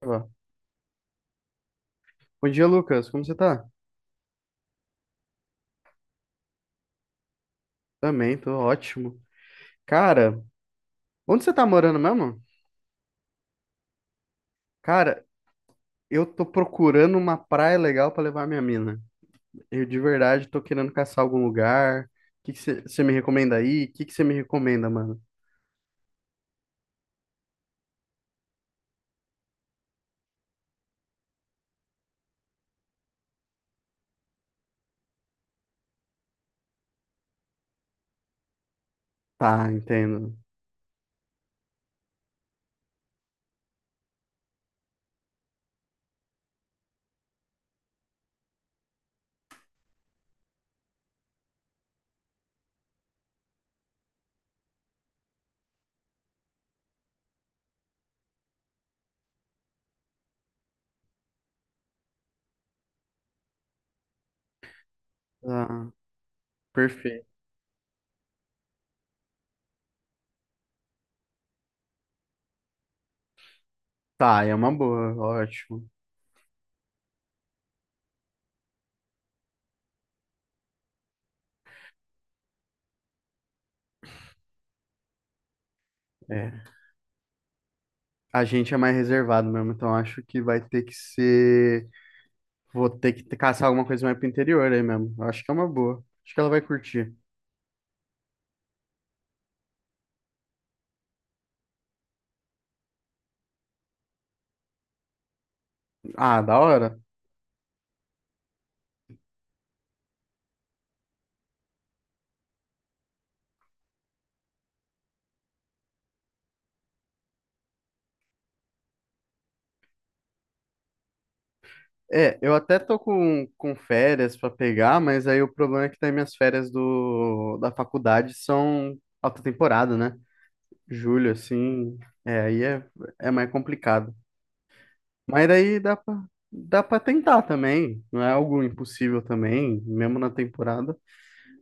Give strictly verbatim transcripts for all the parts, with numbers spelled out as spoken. Ó. Bom dia, Lucas. Como você tá? Também, tô ótimo. Cara, onde você tá morando mesmo? Cara, eu tô procurando uma praia legal pra levar minha mina. Eu de verdade tô querendo caçar algum lugar. O que que você você me recomenda aí? O que que você me recomenda, mano? Tá, entendo. Ah, perfeito. Tá, é uma boa, ótimo. É. A gente é mais reservado mesmo, então acho que vai ter que ser. Vou ter que caçar alguma coisa mais pro interior aí mesmo. Eu acho que é uma boa. Acho que ela vai curtir. Ah, da hora. É, eu até tô com, com férias para pegar, mas aí o problema é que daí minhas férias do, da faculdade são alta temporada, né? Julho, assim, é, aí é, é mais complicado. Mas daí dá pra, dá pra tentar também, não é algo impossível também, mesmo na temporada.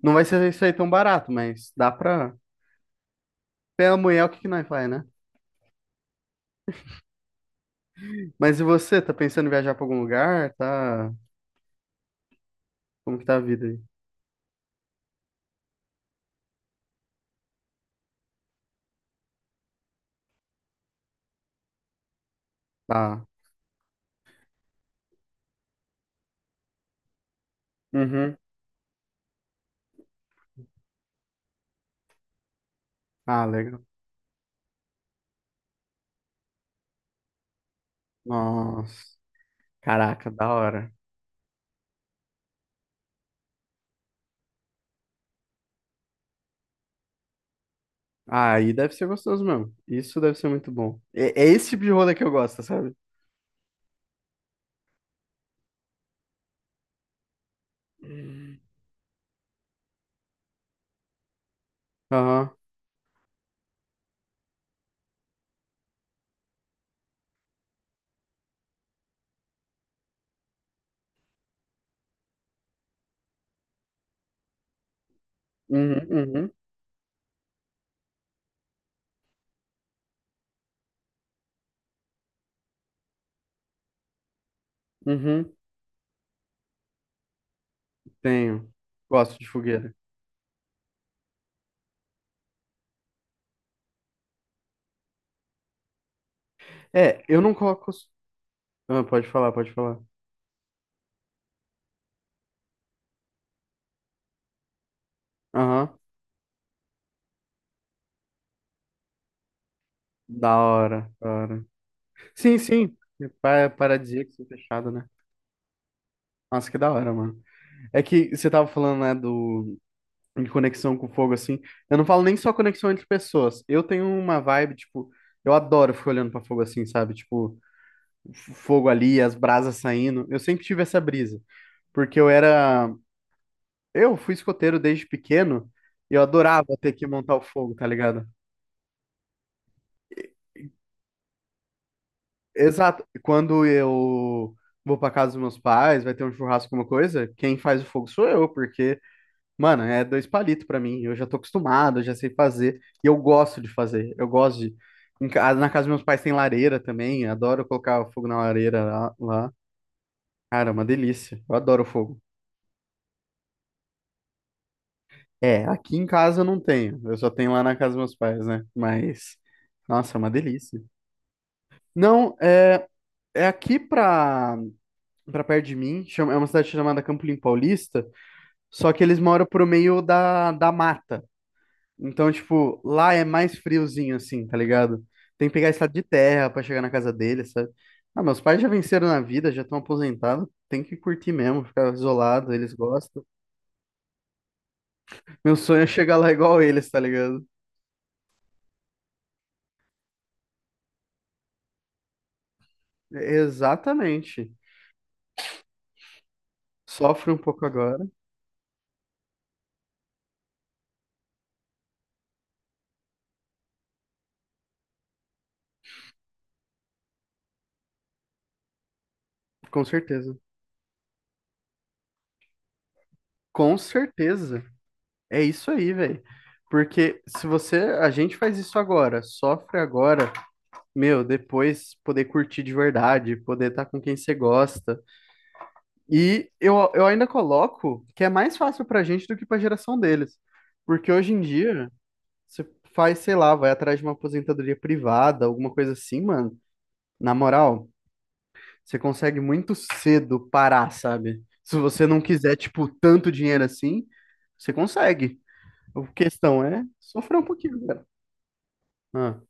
Não vai ser isso aí tão barato, mas dá pra... Pela mulher, o que que nós faz, né? Mas e você, tá pensando em viajar pra algum lugar? Tá... Como que tá a vida aí? Tá. Uhum. Ah, legal. Nossa. Caraca, da hora. Ah, aí deve ser gostoso mesmo. Isso deve ser muito bom. É, é esse tipo de rolê que eu gosto, sabe? Hum. Aham. Uhum, uhum, uhum. Tenho. Gosto de fogueira. É, eu não coloco. Ah, pode falar, pode falar. Aham. Da hora, da hora. Sim, sim. Pa- Paradisíaco, assim, fechado, né? Nossa, que da hora, mano. É que você tava falando, né, do... de conexão com o fogo, assim. Eu não falo nem só conexão entre pessoas. Eu tenho uma vibe, tipo, eu adoro ficar olhando pra fogo assim, sabe? Tipo, fogo ali, as brasas saindo. Eu sempre tive essa brisa, porque eu era. Eu fui escoteiro desde pequeno e eu adorava ter que montar o fogo, tá ligado? Exato. Quando eu vou pra casa dos meus pais, vai ter um churrasco, alguma coisa, quem faz o fogo sou eu, porque, mano, é dois palitos pra mim. Eu já tô acostumado, eu já sei fazer. E eu gosto de fazer. Eu gosto de. em ca- Na casa dos meus pais tem lareira também. Adoro colocar o fogo na lareira lá. lá. Cara, é uma delícia. Eu adoro o fogo. É, aqui em casa eu não tenho. Eu só tenho lá na casa dos meus pais, né? Mas, nossa, é uma delícia. Não, é, é aqui pra, pra perto de mim. Chama- é uma cidade chamada Campolim Paulista. Só que eles moram pro meio da, da mata. Então, tipo, lá é mais friozinho, assim, tá ligado? Tem que pegar estrada de terra pra chegar na casa deles, sabe? Ah, meus pais já venceram na vida, já estão aposentados. Tem que curtir mesmo, ficar isolado, eles gostam. Meu sonho é chegar lá igual eles, tá ligado? Exatamente. Sofre um pouco agora, com certeza. Com certeza. É isso aí, velho. Porque se você, a gente faz isso agora, sofre agora, meu, depois poder curtir de verdade, poder estar com quem você gosta. E eu, eu ainda coloco que é mais fácil pra gente do que pra geração deles. Porque hoje em dia, você faz, sei lá, vai atrás de uma aposentadoria privada, alguma coisa assim, mano. Na moral, você consegue muito cedo parar, sabe? Se você não quiser, tipo, tanto dinheiro assim, você consegue. A questão é sofrer um pouquinho, cara. Ah,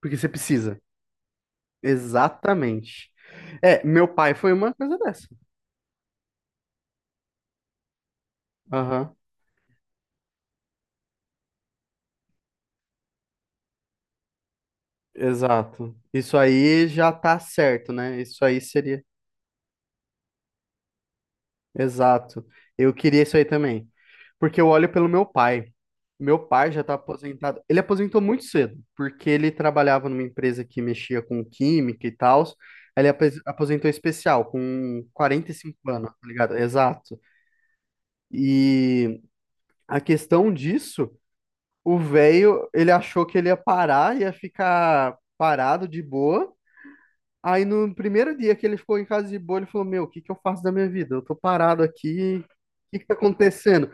porque você precisa. Exatamente. É, meu pai foi uma coisa dessa. Aham, exato. Isso aí já tá certo, né? Isso aí seria. Exato. Eu queria isso aí também. Porque eu olho pelo meu pai. Meu pai já está aposentado. Ele aposentou muito cedo, porque ele trabalhava numa empresa que mexia com química e tal. Ele apos- aposentou especial, com quarenta e cinco anos, tá ligado? Exato. E a questão disso, o velho, ele achou que ele ia parar, ia ficar parado de boa. Aí no primeiro dia que ele ficou em casa de boa, ele falou: Meu, o que que eu faço da minha vida? Eu tô parado aqui, o que que tá acontecendo?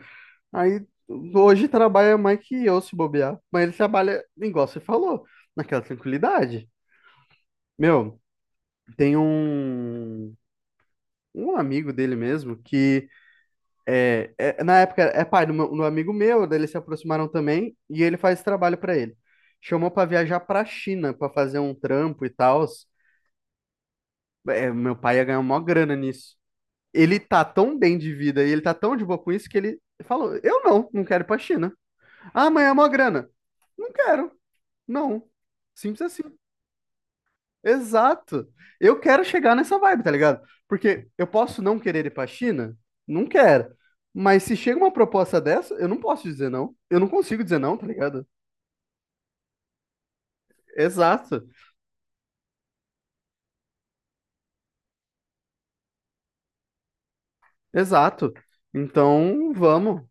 Aí hoje trabalha mais que eu se bobear. Mas ele trabalha, igual você falou, naquela tranquilidade. Meu, tem um, um amigo dele mesmo que é, é- na época é pai do meu, do amigo meu, daí eles se aproximaram também e ele faz esse trabalho pra ele. Chamou pra viajar pra China pra fazer um trampo e tal. É, meu pai ia ganhar uma grana nisso. Ele tá tão bem de vida e ele tá tão de boa com isso que ele falou: Eu não, não quero ir pra China. Ah, mas é uma grana. Não quero. Não. Simples assim. Exato. Eu quero chegar nessa vibe, tá ligado? Porque eu posso não querer ir pra China? Não quero. Mas se chega uma proposta dessa, eu não posso dizer não. Eu não consigo dizer não, tá ligado? Exato. Exato. Então, vamos.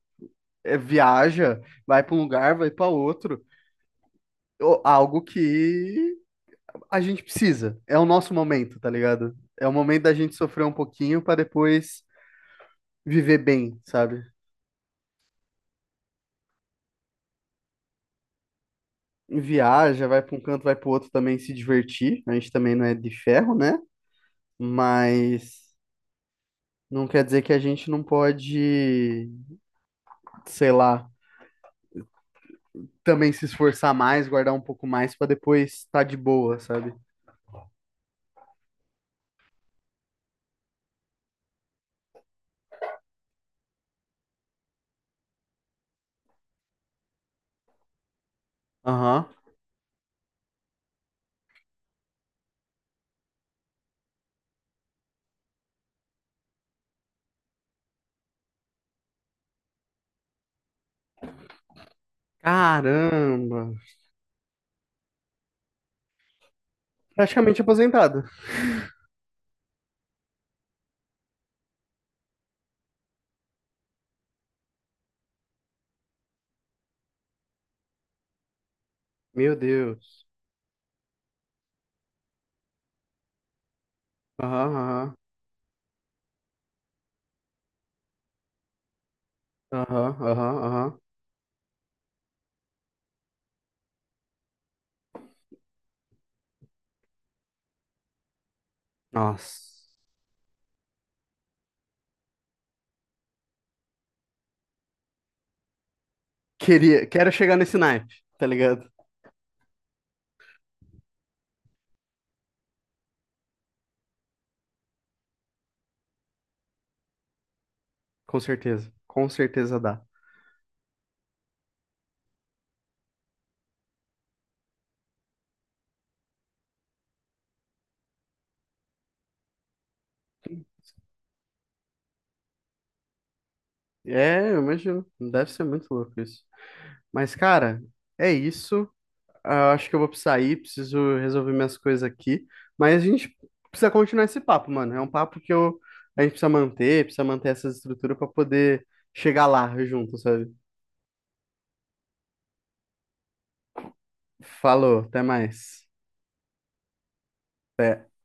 É, viaja, vai pra um lugar, vai pra outro. Ou algo que a gente precisa. É o nosso momento, tá ligado? É o momento da gente sofrer um pouquinho pra depois viver bem, sabe? Viaja, vai para um canto, vai para o outro também se divertir. A gente também não é de ferro, né? Mas não quer dizer que a gente não pode, sei lá, também se esforçar mais, guardar um pouco mais para depois estar de boa, sabe? Aham. Caramba! Praticamente aposentado. Meu Deus. Aham, aham, aham, aham, aham. Nossa. Queria, quero chegar nesse naipe, tá ligado? Com certeza. Com certeza dá. É, eu imagino. Deve ser muito louco isso. Mas, cara, é isso. Ah, acho que eu vou sair, preciso resolver minhas coisas aqui. Mas a gente precisa continuar esse papo, mano. É um papo que eu, a gente precisa manter, precisa manter essa estrutura para poder chegar lá junto, sabe? Falou, até mais. Até.